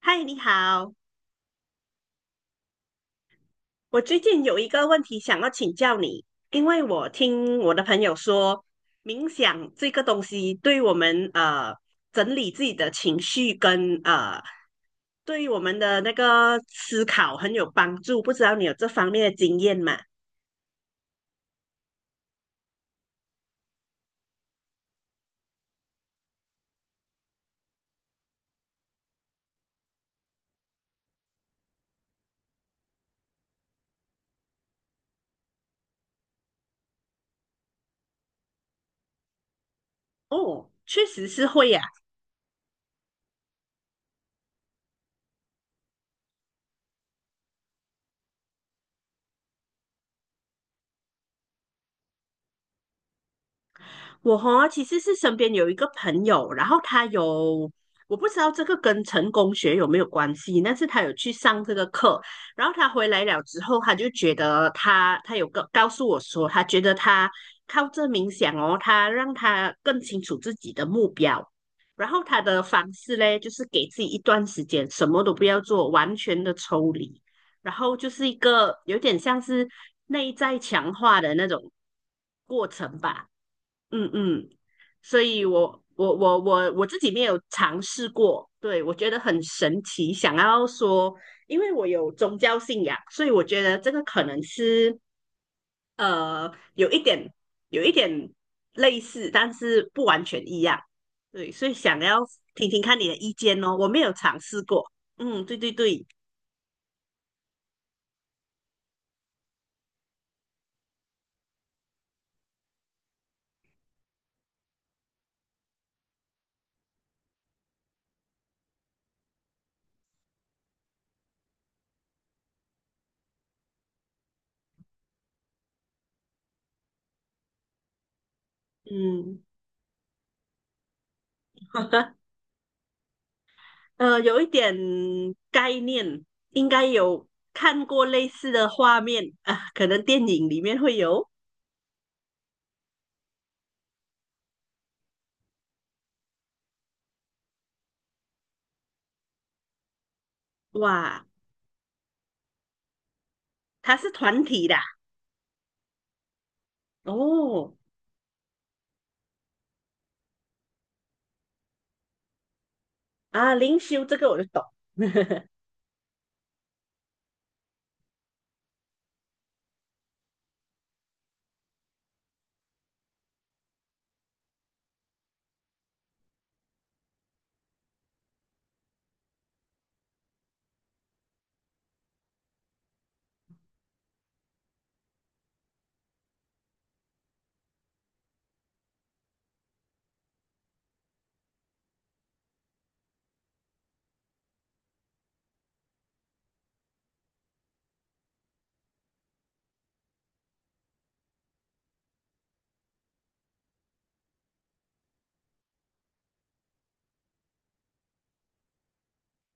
嗨，你好，我最近有一个问题想要请教你，因为我听我的朋友说，冥想这个东西对我们整理自己的情绪跟对于我们的那个思考很有帮助，不知道你有这方面的经验吗？哦，确实是会呀。我其实是身边有一个朋友，然后他有我不知道这个跟成功学有没有关系，但是他有去上这个课，然后他回来了之后，他就觉得他有个告诉我说，他觉得他靠这冥想哦，他让他更清楚自己的目标。然后他的方式嘞，就是给自己一段时间，什么都不要做，完全的抽离，然后就是一个有点像是内在强化的那种过程吧。嗯嗯，所以我自己没有尝试过，对，我觉得很神奇。想要说，因为我有宗教信仰，所以我觉得这个可能是有一点有一点类似，但是不完全一样。对，所以想要听听看你的意见哦，我没有尝试过。嗯，对对对，嗯 有一点概念，应该有看过类似的画面啊，可能电影里面会有。哇，它是团体的啊？哦，啊，灵修这个我就懂，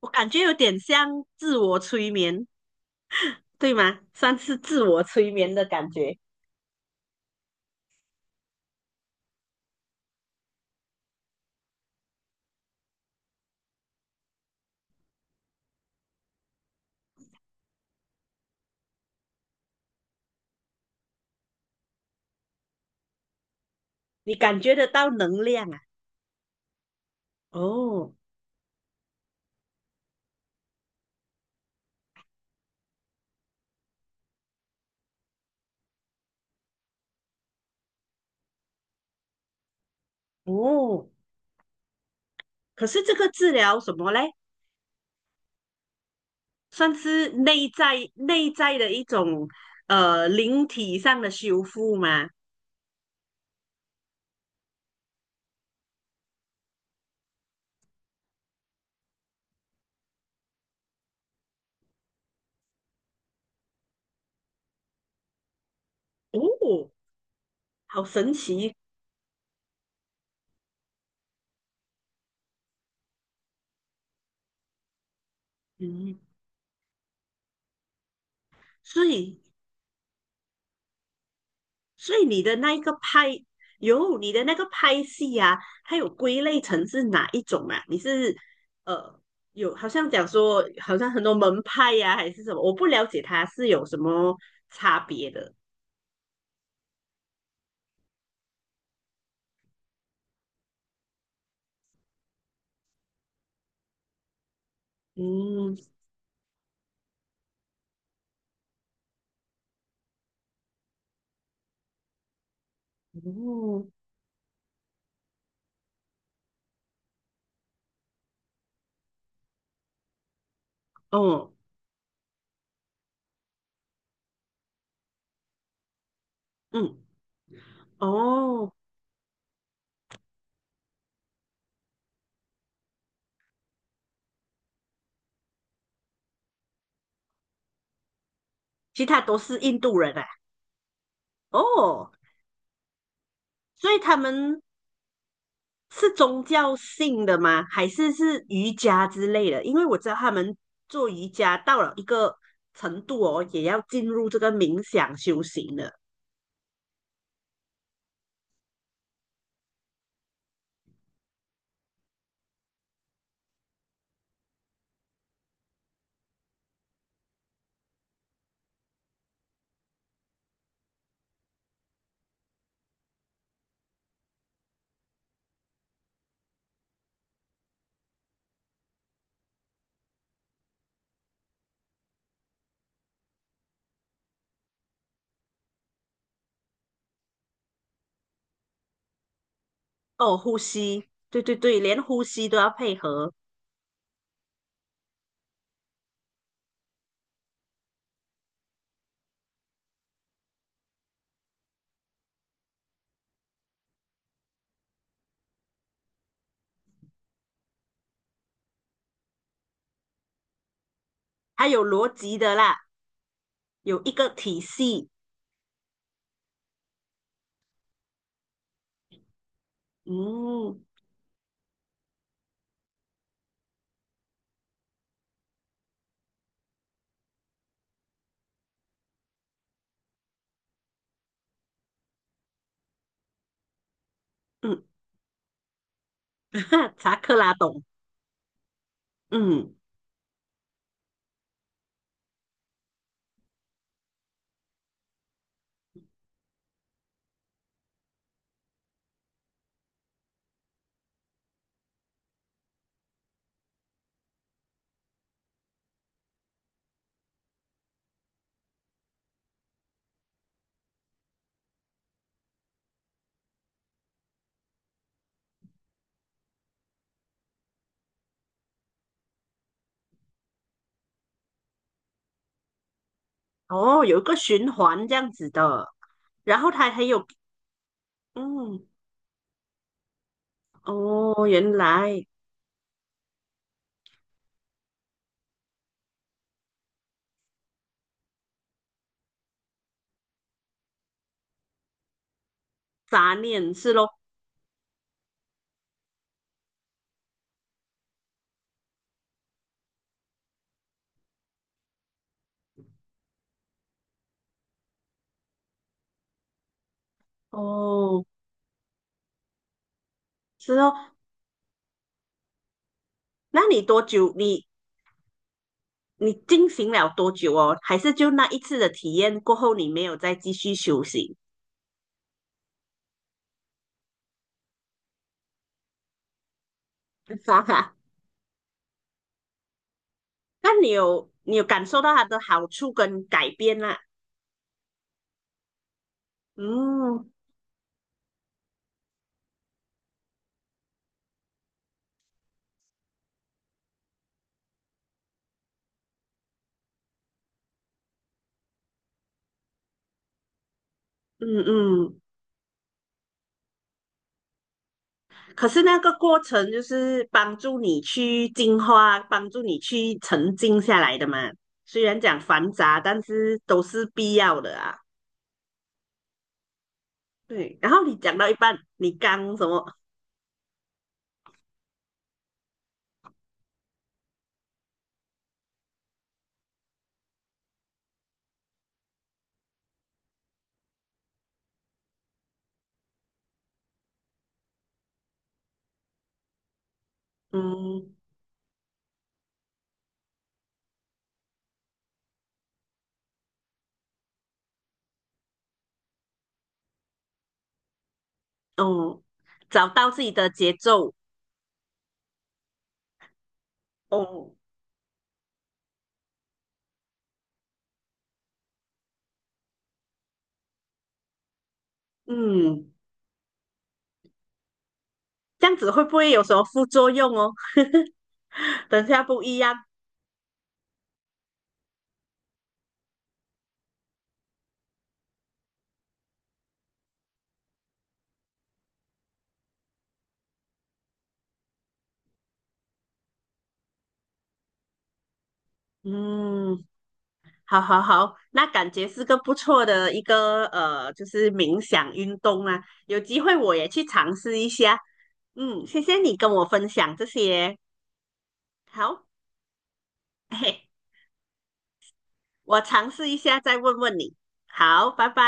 我感觉有点像自我催眠，对吗？算是自我催眠的感觉，你感觉得到能量啊。哦哦，可是这个治疗什么嘞？算是内在的一种灵体上的修复吗？哦，好神奇，嗯，所以所以你的那一个派，有你的那个派系啊，它有归类成是哪一种啊？你是呃有好像讲说，好像很多门派呀、还是什么？我不了解它是有什么差别的。嗯，哦，哦，嗯，哦，其他都是印度人啊。哦，所以他们是宗教性的吗？还是是瑜伽之类的？因为我知道他们做瑜伽到了一个程度哦，也要进入这个冥想修行的。哦，呼吸，对对对，连呼吸都要配合，还有逻辑的啦，有一个体系。嗯嗯，查克拉懂。嗯，哦，有一个循环这样子的，然后它还有，嗯，哦，原来杂念是咯，哦，是咯，那你多久？你进行了多久哦？还是就那一次的体验过后，你没有再继续修行？哈哈，那你有感受到它的好处跟改变啦？嗯嗯嗯。可是那个过程就是帮助你去净化，帮助你去沉静下来的嘛。虽然讲繁杂，但是都是必要的啊。对，然后你讲到一半，你刚什么？嗯，哦，找到自己的节奏，哦，嗯，这样子会不会有什么副作用哦？等下不一样。嗯，好好好，那感觉是个不错的一个就是冥想运动啊。有机会我也去尝试一下。嗯，谢谢你跟我分享这些。好，嘿嘿，我尝试一下再问问你。好，拜拜。